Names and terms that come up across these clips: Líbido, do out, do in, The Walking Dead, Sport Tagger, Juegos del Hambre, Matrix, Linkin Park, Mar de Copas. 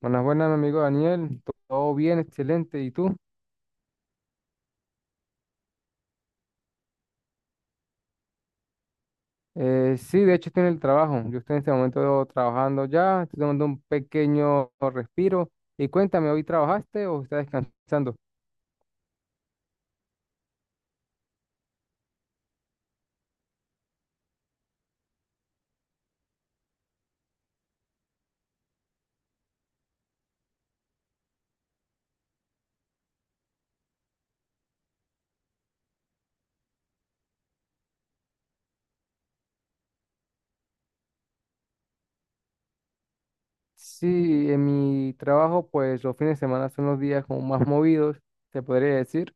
Buenas, buenas, mi amigo Daniel. Todo bien, excelente. ¿Y tú? Sí, de hecho estoy en el trabajo. Yo estoy en este momento trabajando ya. Estoy tomando un pequeño respiro. Y cuéntame, ¿hoy trabajaste o estás descansando? Sí, en mi trabajo, pues los fines de semana son los días como más movidos, se podría decir.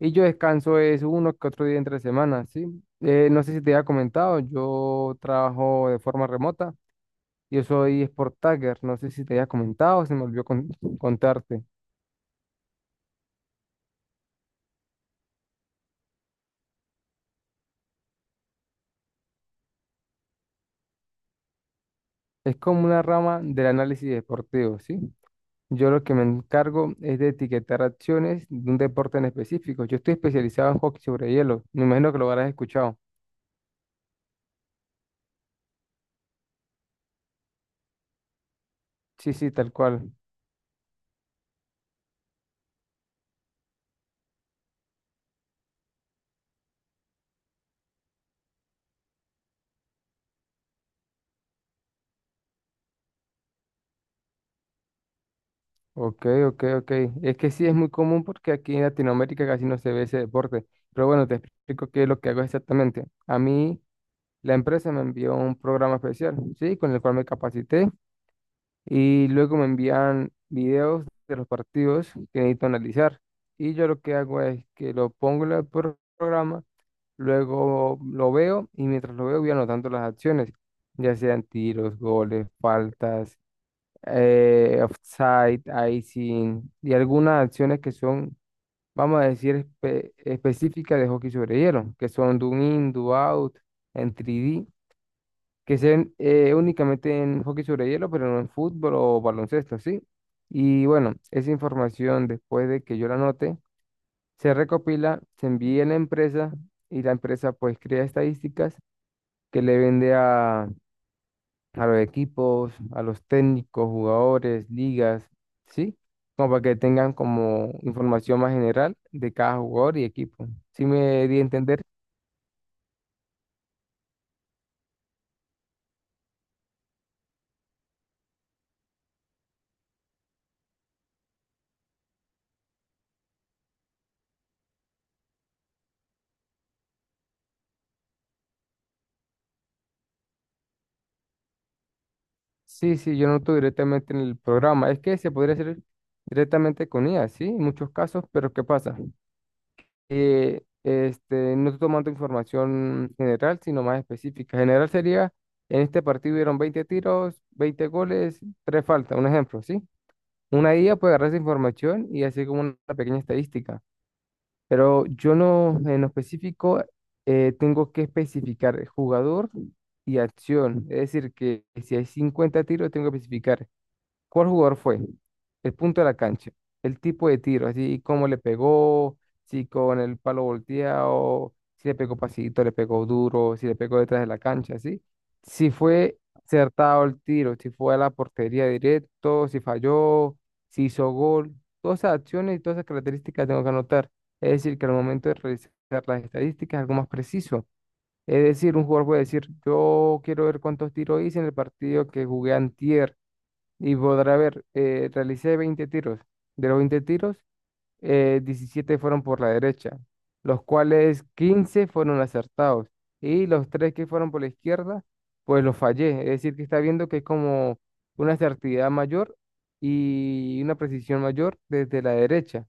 Y yo descanso es uno que otro día entre semana, ¿sí? No sé si te había comentado, yo trabajo de forma remota. Yo soy Sport Tagger. No sé si te había comentado, se me olvidó contarte. Es como una rama del análisis deportivo, ¿sí? Yo lo que me encargo es de etiquetar acciones de un deporte en específico. Yo estoy especializado en hockey sobre hielo. Me imagino que lo habrás escuchado. Sí, sí, tal cual. Ok, ok, ok. Es que sí es muy común porque aquí en Latinoamérica casi no se ve ese deporte. Pero bueno, te explico qué es lo que hago exactamente. A mí, la empresa me envió un programa especial, ¿sí? Con el cual me capacité y luego me envían videos de los partidos que necesito analizar. Y yo lo que hago es que lo pongo en el programa, luego lo veo y mientras lo veo voy anotando las acciones, ya sean tiros, goles, faltas, offside, icing y algunas acciones que son, vamos a decir, específicas de hockey sobre hielo, que son do in, do out, en 3D que se ven únicamente en hockey sobre hielo, pero no en fútbol o baloncesto, ¿sí? Y bueno, esa información después de que yo la anote, se recopila, se envía a la empresa y la empresa pues crea estadísticas que le vende a los equipos, a los técnicos, jugadores, ligas, ¿sí? Como para que tengan como información más general de cada jugador y equipo. ¿Sí me di a entender? Sí, sí, yo noto directamente en el programa. Es que se podría hacer directamente con IA, sí, en muchos casos, pero ¿qué pasa? Este, no estoy tomando información general, sino más específica. General sería, en este partido hubieron 20 tiros, 20 goles, 3 faltas, un ejemplo, ¿sí? Una IA puede agarrar esa información y hacer como una pequeña estadística, pero yo no, en lo específico, tengo que especificar el jugador y acción. Es decir, que si hay 50 tiros, tengo que especificar. ¿Cuál jugador fue? El punto de la cancha, el tipo de tiro, así cómo le pegó, si con el palo volteado, si le pegó pasito, le pegó duro, si le pegó detrás de la cancha, así. Si fue acertado el tiro, si fue a la portería directo, si falló, si hizo gol. Todas esas acciones y todas esas características tengo que anotar. Es decir, que al momento de realizar las estadísticas es algo más preciso. Es decir, un jugador puede decir, yo quiero ver cuántos tiros hice en el partido que jugué antier y podrá ver, realicé 20 tiros. De los 20 tiros, 17 fueron por la derecha, los cuales 15 fueron acertados. Y los 3 que fueron por la izquierda, pues los fallé. Es decir, que está viendo que es como una certidumbre mayor y una precisión mayor desde la derecha.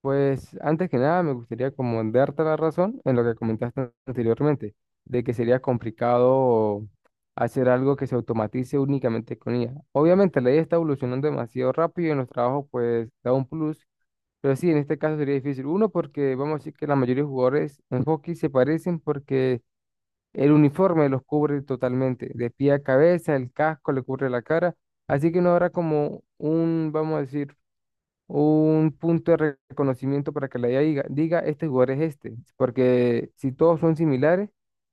Pues antes que nada me gustaría como darte la razón en lo que comentaste anteriormente, de que sería complicado hacer algo que se automatice únicamente con IA. Obviamente la IA está evolucionando demasiado rápido y en los trabajos pues da un plus, pero sí, en este caso sería difícil. Uno, porque vamos a decir que la mayoría de jugadores en hockey se parecen porque el uniforme los cubre totalmente, de pie a cabeza, el casco le cubre la cara, así que no habrá como un, vamos a decir, un punto de reconocimiento para que la IA diga, este jugador es este, porque si todos son similares,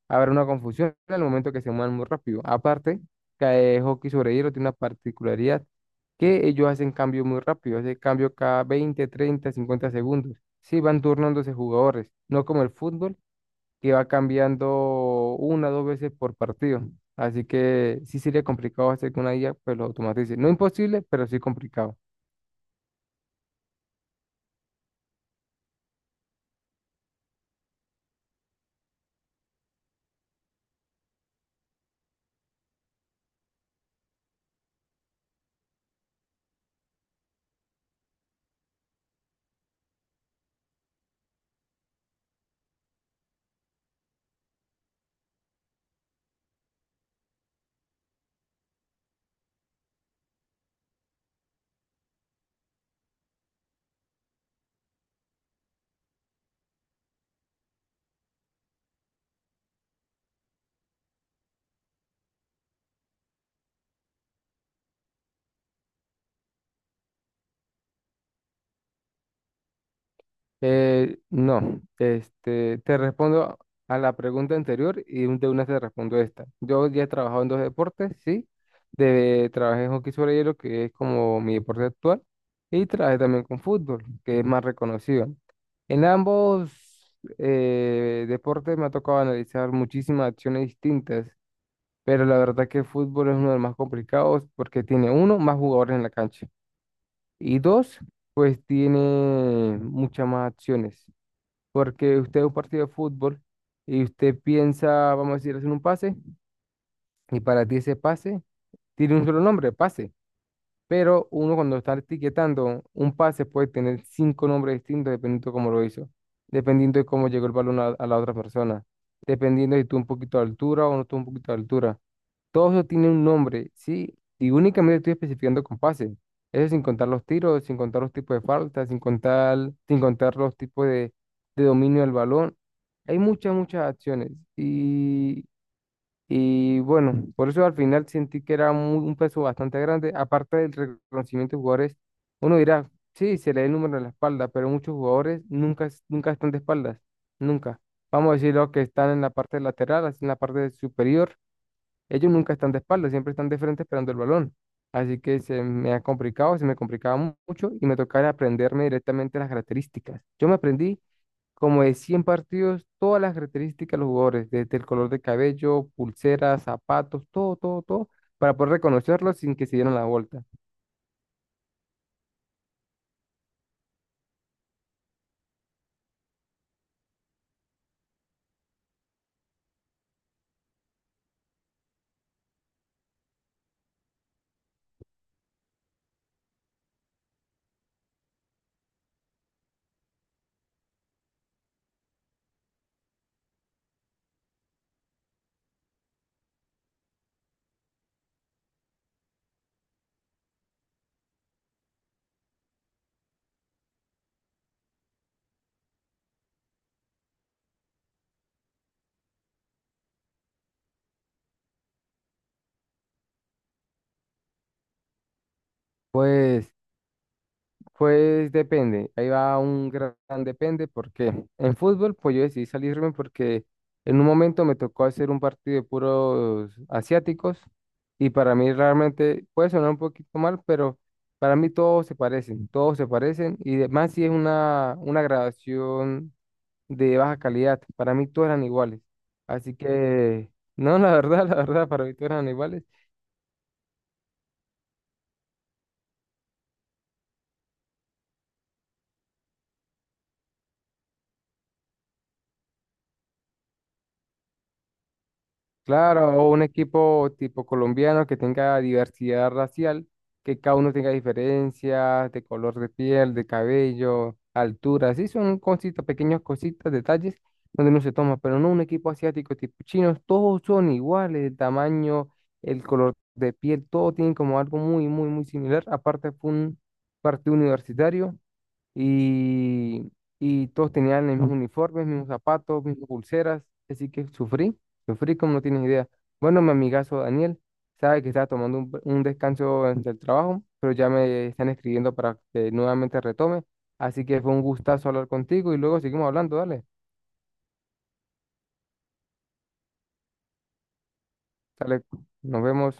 habrá una confusión al momento que se muevan muy rápido. Aparte, cae hockey sobre hielo tiene una particularidad que ellos hacen cambios muy rápido, hacen cambio cada 20, 30, 50 segundos. Sí, van turnándose jugadores, no como el fútbol, que va cambiando una o dos veces por partido. Así que sí sería complicado hacer que una IA pues lo automatice. No imposible, pero sí complicado. No, este, te respondo a la pregunta anterior y de una te respondo esta. Yo ya he trabajado en dos deportes, sí. Trabajé en hockey sobre hielo, que es como mi deporte actual, y trabajé también con fútbol, que es más reconocido. En ambos deportes me ha tocado analizar muchísimas acciones distintas, pero la verdad que el fútbol es uno de los más complicados porque tiene uno, más jugadores en la cancha, y dos, pues tiene muchas más acciones. Porque usted es un partido de fútbol y usted piensa, vamos a decir, hacer un pase, y para ti ese pase tiene un solo nombre, pase. Pero uno cuando está etiquetando un pase puede tener cinco nombres distintos dependiendo de cómo lo hizo, dependiendo de cómo llegó el balón a la otra persona, dependiendo de si tuvo un poquito de altura o no tuvo un poquito de altura. Todo eso tiene un nombre, ¿sí? Y únicamente estoy especificando con pases. Eso sin contar los tiros, sin contar los tipos de faltas, sin contar los tipos de dominio del balón. Hay muchas, muchas acciones. Y bueno, por eso al final sentí que era muy- un peso bastante grande. Aparte del reconocimiento de jugadores, uno dirá, sí, se le da el número de la espalda, pero muchos jugadores nunca están de espaldas. Nunca. Vamos a decir los que están en la parte lateral, así en la parte superior ellos nunca están de espaldas, siempre están de frente esperando el balón. Así que se me ha complicado, se me complicaba mucho y me tocaba aprenderme directamente las características. Yo me aprendí como de 100 partidos, todas las características de los jugadores, desde el color de cabello, pulseras, zapatos, todo, todo, todo, para poder reconocerlos sin que se dieran la vuelta. Pues Pues depende, ahí va un gran depende, porque en fútbol pues yo decidí salirme porque en un momento me tocó hacer un partido de puros asiáticos y para mí realmente puede sonar un poquito mal, pero para mí todos se parecen y además si es una grabación de baja calidad, para mí todos eran iguales, así que no, la verdad, la verdad, para mí todos eran iguales. Claro, o un equipo tipo colombiano que tenga diversidad racial, que cada uno tenga diferencias de color de piel, de cabello, altura, sí, son cositas, pequeñas cositas, detalles donde no se toma, pero no un equipo asiático tipo chinos, todos son iguales, el tamaño, el color de piel, todo tienen como algo muy, muy, muy similar. Aparte fue un partido universitario y, y todos tenían los mismos uniformes, mismos zapatos, mismas pulseras, así que sufrí, sufrí como no tienes idea. Bueno, mi amigazo Daniel sabe que estaba tomando un descanso entre el trabajo, pero ya me están escribiendo para que nuevamente retome, así que fue un gustazo hablar contigo y luego seguimos hablando, dale, dale, nos vemos.